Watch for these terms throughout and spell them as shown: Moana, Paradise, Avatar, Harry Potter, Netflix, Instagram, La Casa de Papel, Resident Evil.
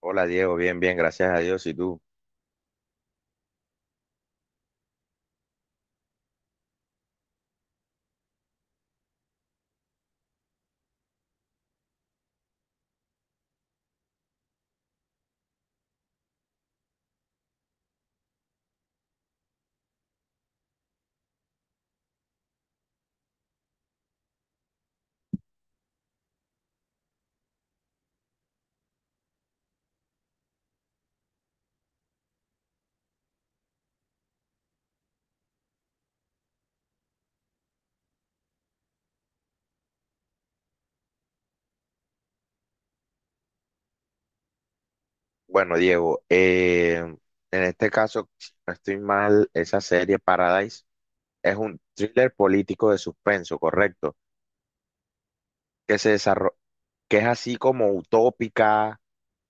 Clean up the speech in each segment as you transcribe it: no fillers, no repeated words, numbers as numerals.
Hola Diego, bien, bien, gracias a Dios. ¿Y tú? Bueno, Diego, en este caso, si no estoy mal, esa serie Paradise es un thriller político de suspenso, ¿correcto? Que se desarro- que es así como utópica.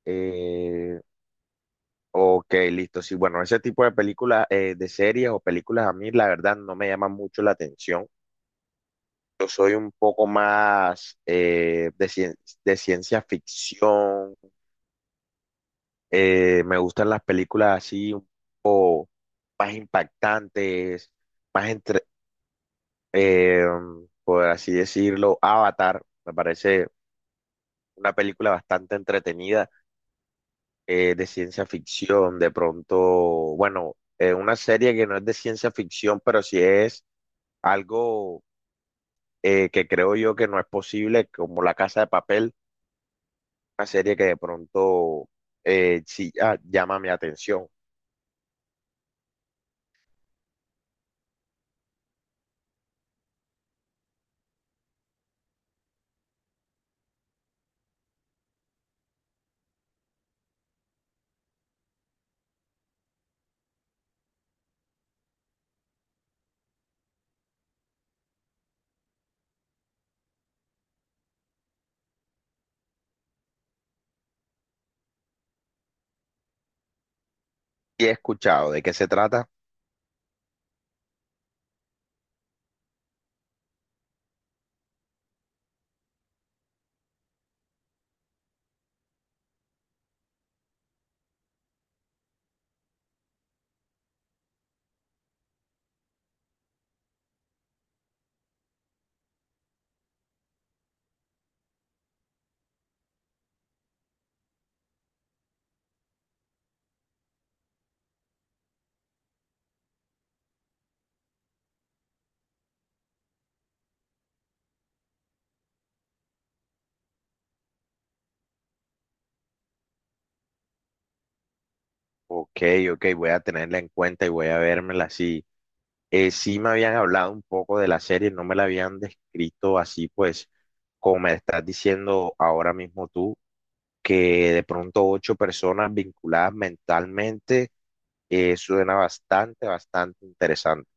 eh, ok, listo. Sí, bueno, ese tipo de películas, de series o películas a mí, la verdad, no me llaman mucho la atención. Yo soy un poco más de ciencia ficción. Me gustan las películas así más impactantes, más entre, eh, por así decirlo, Avatar, me parece una película bastante entretenida de ciencia ficción, de pronto, bueno, una serie que no es de ciencia ficción, pero sí es algo que creo yo que no es posible, como La Casa de Papel, una serie que de pronto sí, ah, llama mi atención. Y he escuchado de qué se trata. Ok, ok, voy a tenerla en cuenta y voy a vérmela así. Sí me habían hablado un poco de la serie, no me la habían descrito así, pues, como me estás diciendo ahora mismo tú, que de pronto ocho personas vinculadas mentalmente, suena bastante, bastante interesante.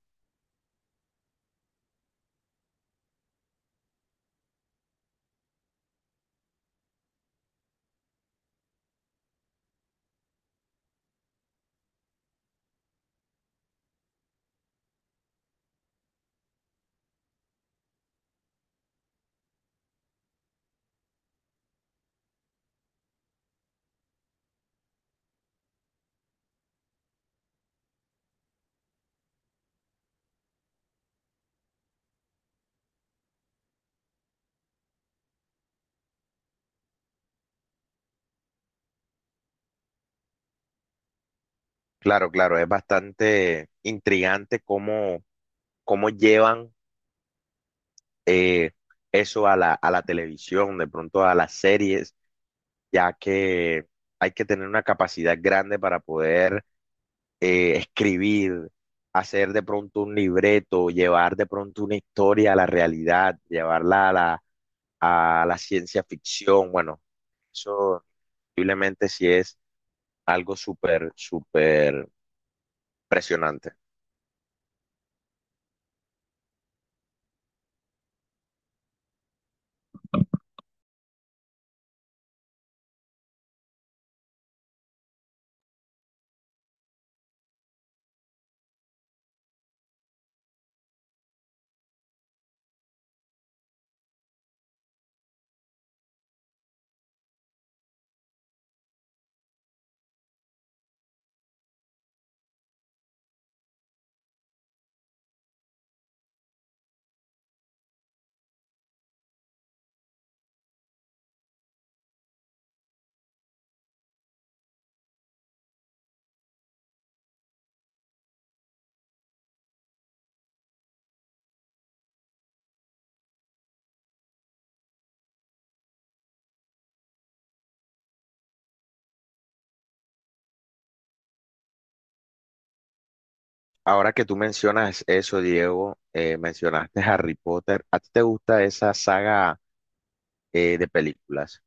Claro, claro, es bastante intrigante cómo, cómo llevan eh, eso a la televisión, de pronto a las series, ya que hay que tener una capacidad grande para poder escribir, hacer de pronto un libreto, llevar de pronto una historia a la realidad, llevarla a la ciencia ficción. Bueno, eso posiblemente sí es algo súper, súper impresionante. Ahora que tú mencionas eso, Diego, mencionaste Harry Potter, ¿a ti te gusta esa saga de películas?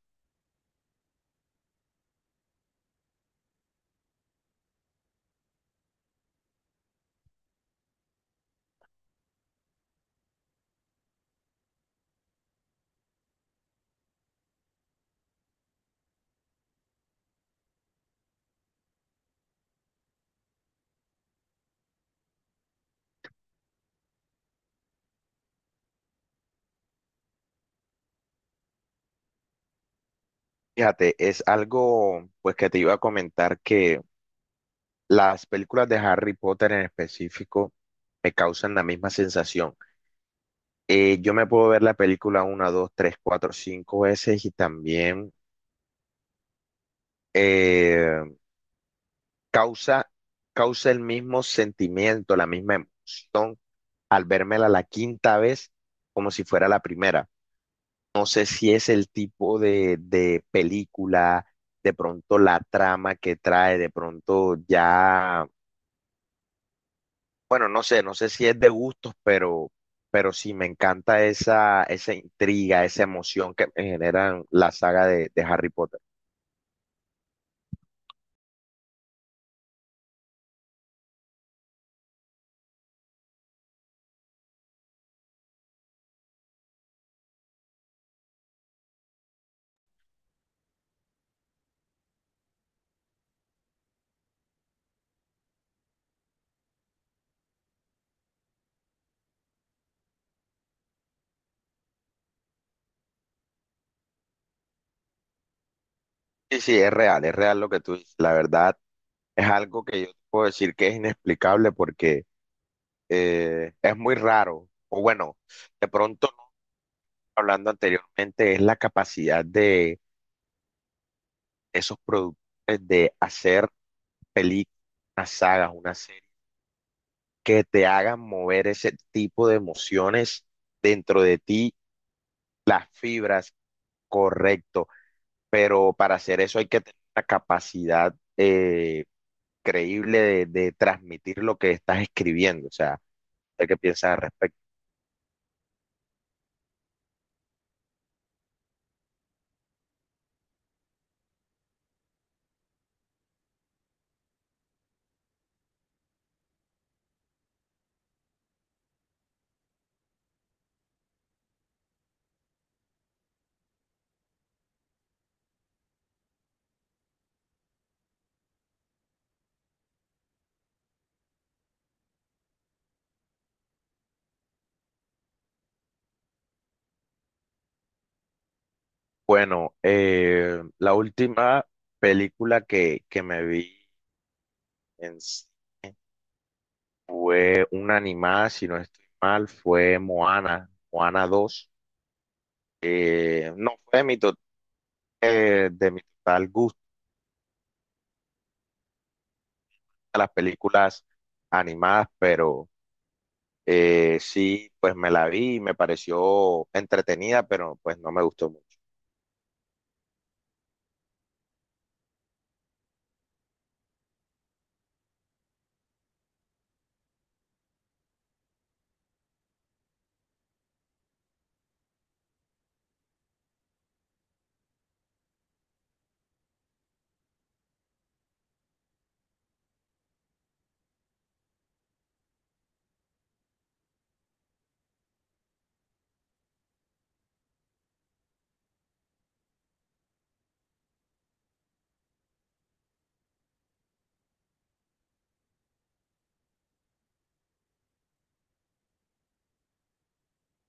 Fíjate, es algo pues que te iba a comentar que las películas de Harry Potter en específico me causan la misma sensación. Yo me puedo ver la película una, dos, tres, cuatro, cinco veces y también eh, causa, causa el mismo sentimiento, la misma emoción al vérmela la quinta vez como si fuera la primera. No sé si es el tipo de película, de pronto la trama que trae, de pronto ya. Bueno, no sé, no sé si es de gustos, pero sí me encanta esa, esa intriga, esa emoción que me generan la saga de Harry Potter. Sí, sí, es real lo que tú dices. La verdad es algo que yo te puedo decir que es inexplicable porque es muy raro. O bueno, de pronto, no, hablando anteriormente, es la capacidad de esos productores de hacer películas, unas sagas, una serie, que te hagan mover ese tipo de emociones dentro de ti. Las fibras, correcto, pero para hacer eso hay que tener una capacidad creíble de transmitir lo que estás escribiendo, o sea, hay que piensar al respecto. Bueno, la última película que me vi en cine fue una animada, si no estoy mal, fue Moana, Moana 2. No fue de mi, to- De mi total gusto a las películas animadas, pero eh, sí, pues me la vi y me pareció entretenida, pero pues no me gustó mucho.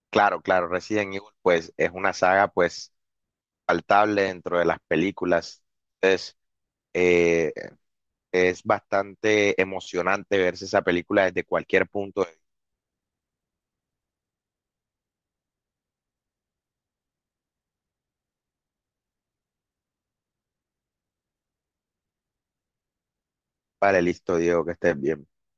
Claro, claro, Resident Evil pues es una saga pues palpable dentro de las películas. Entonces, eh, es bastante emocionante verse esa película desde cualquier punto de vista. Vale, listo, Diego, que estés bien.